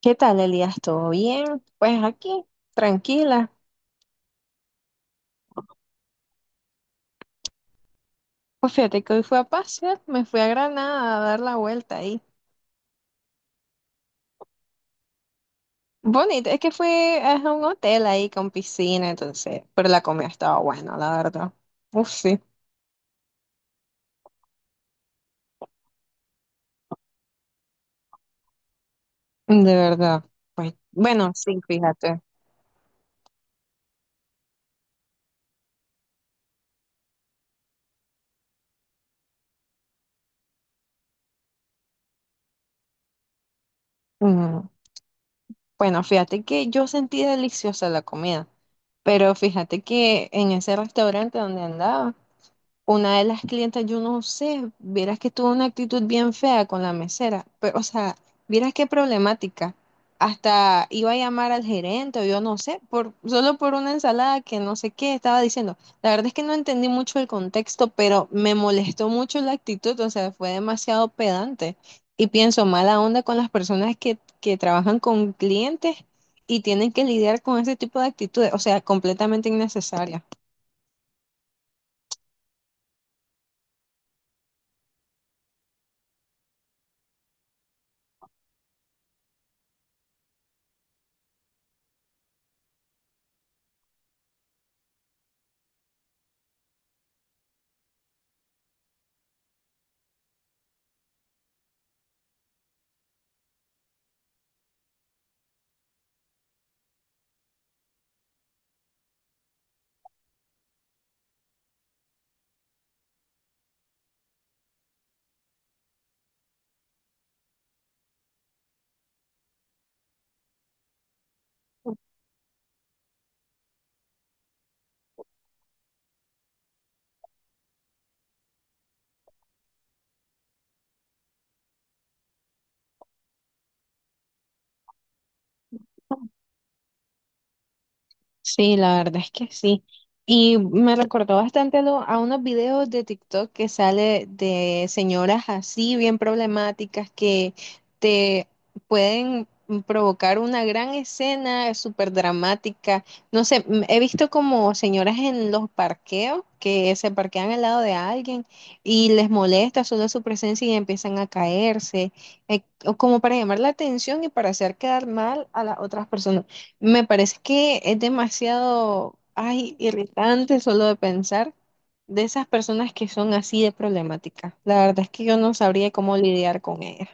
¿Qué tal, Elías? ¿Todo bien? Pues aquí, tranquila. Pues fíjate que hoy fui a pasear, me fui a Granada a dar la vuelta ahí. Bonito, es que fui a un hotel ahí con piscina, entonces, pero la comida estaba buena, la verdad. Uf, sí, de verdad. Pues, bueno, sí, fíjate. Mm, bueno, fíjate que yo sentí deliciosa la comida, pero fíjate que en ese restaurante donde andaba, una de las clientas, yo no sé, vieras que tuvo una actitud bien fea con la mesera, pero, o sea, vieras qué problemática. Hasta iba a llamar al gerente o yo no sé, solo por una ensalada que no sé qué estaba diciendo. La verdad es que no entendí mucho el contexto, pero me molestó mucho la actitud, o sea, fue demasiado pedante. Y pienso mala onda con las personas que trabajan con clientes y tienen que lidiar con ese tipo de actitudes, o sea, completamente innecesaria. Sí, la verdad es que sí. Y me recordó bastante a, a unos videos de TikTok que sale de señoras así bien problemáticas que te pueden provocar una gran escena súper dramática. No sé, he visto como señoras en los parqueos que se parquean al lado de alguien y les molesta solo su presencia y empiezan a caerse, o como para llamar la atención y para hacer quedar mal a las otras personas. Me parece que es demasiado, ay, irritante solo de pensar de esas personas que son así de problemáticas. La verdad es que yo no sabría cómo lidiar con ellas.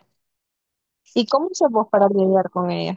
¿Y cómo se vos para lidiar con ellas?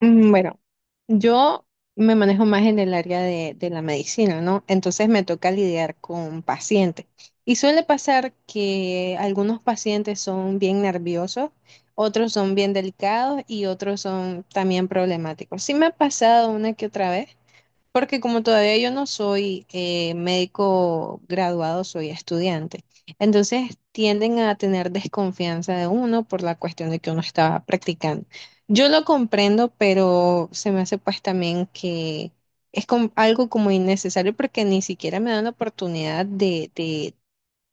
Mm, bueno, yo me manejo más en el área de la medicina, ¿no? Entonces me toca lidiar con pacientes. Y suele pasar que algunos pacientes son bien nerviosos, otros son bien delicados y otros son también problemáticos. Sí me ha pasado una que otra vez, porque como todavía yo no soy médico graduado, soy estudiante. Entonces tienden a tener desconfianza de uno por la cuestión de que uno estaba practicando. Yo lo comprendo, pero se me hace pues también que es algo como innecesario porque ni siquiera me dan la oportunidad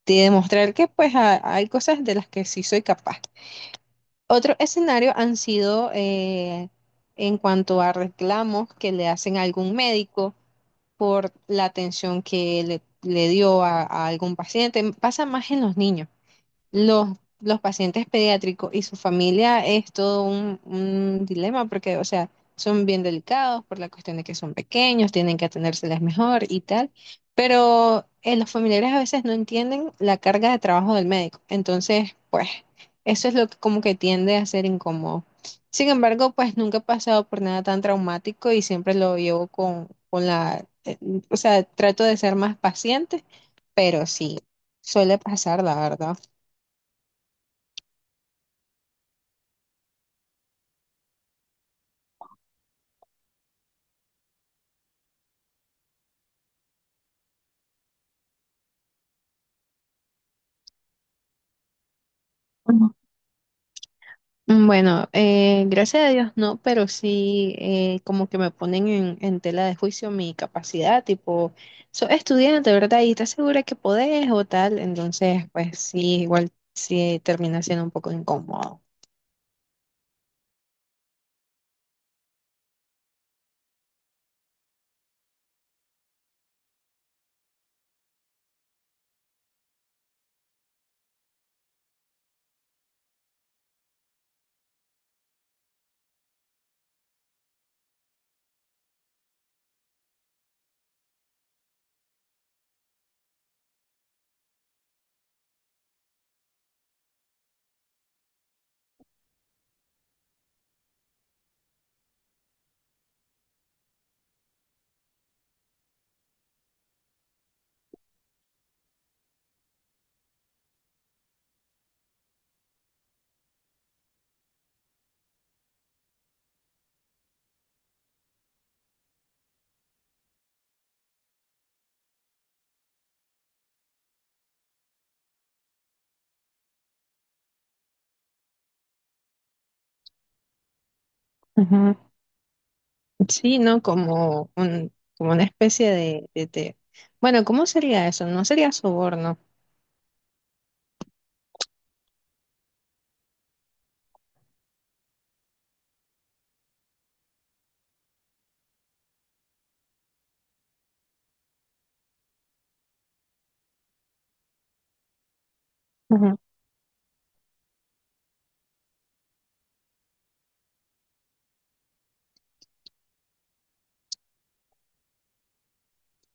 de demostrar que pues hay cosas de las que sí soy capaz. Otro escenario han sido en cuanto a reclamos que le hacen a algún médico por la atención que le dio a algún paciente. Pasa más en los niños. Los, los pacientes pediátricos y su familia es todo un dilema porque, o sea, son bien delicados por la cuestión de que son pequeños, tienen que atendérseles mejor y tal, pero los familiares a veces no entienden la carga de trabajo del médico. Entonces, pues, eso es lo que como que tiende a ser incómodo. Sin embargo, pues nunca he pasado por nada tan traumático y siempre lo llevo con la, o sea, trato de ser más paciente, pero sí, suele pasar, la verdad. Mm, bueno, gracias a Dios no, pero sí como que me ponen en tela de juicio mi capacidad, tipo, sos estudiante, ¿verdad? Y estás segura que podés o tal, entonces pues sí, igual sí termina siendo un poco incómodo. Ujú. Sí, ¿no? Como, como una especie de. Bueno, ¿cómo sería eso? No sería soborno. Ujú.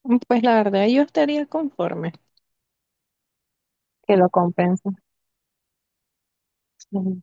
Mm, pues la verdad yo estaría conforme, que lo compensa. Ujú.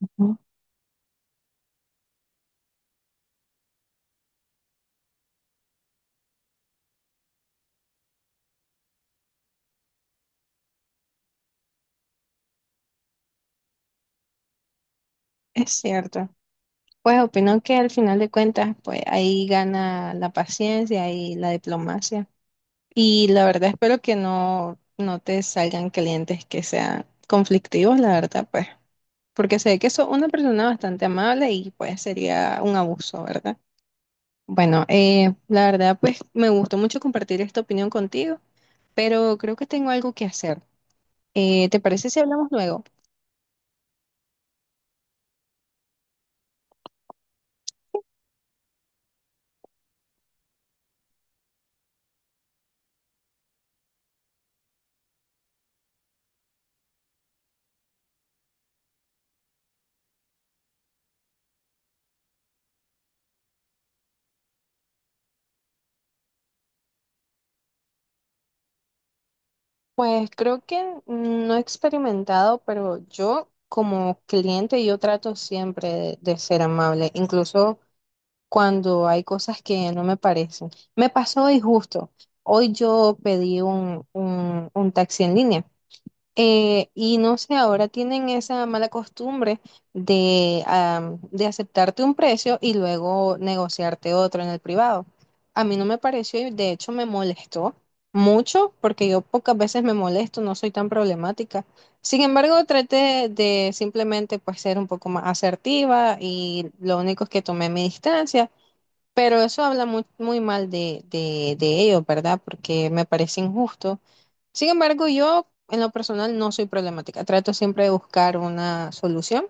Ujú. Es cierto. Pues opino que al final de cuentas, pues ahí gana la paciencia y la diplomacia. Y la verdad espero que no, no te salgan clientes que sean conflictivos, la verdad, pues, porque sé que sos una persona bastante amable y pues sería un abuso, ¿verdad? Bueno, la verdad, pues me gustó mucho compartir esta opinión contigo, pero creo que tengo algo que hacer. ¿Te parece si hablamos luego? Pues creo que no he experimentado, pero yo como cliente yo trato siempre de ser amable, incluso cuando hay cosas que no me parecen. Me pasó hoy justo, hoy yo pedí un taxi en línea y no sé, ahora tienen esa mala costumbre de, am, de aceptarte un precio y luego negociarte otro en el privado. A mí no me pareció y de hecho me molestó mucho porque yo pocas veces me molesto, no soy tan problemática. Sin embargo, traté de simplemente pues ser un poco más asertiva y lo único es que tomé mi distancia, pero eso habla muy, muy mal de ellos, ¿verdad? Porque me parece injusto. Sin embargo, yo en lo personal no soy problemática. Trato siempre de buscar una solución.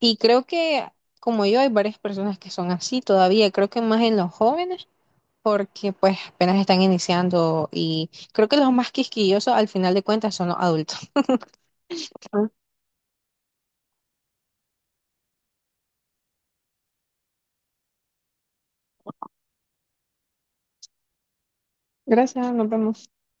Y creo que, como yo, hay varias personas que son así todavía. Creo que más en los jóvenes, porque pues apenas están iniciando. Y creo que los más quisquillosos al final de cuentas son los adultos. Ah, gracias, nos vemos.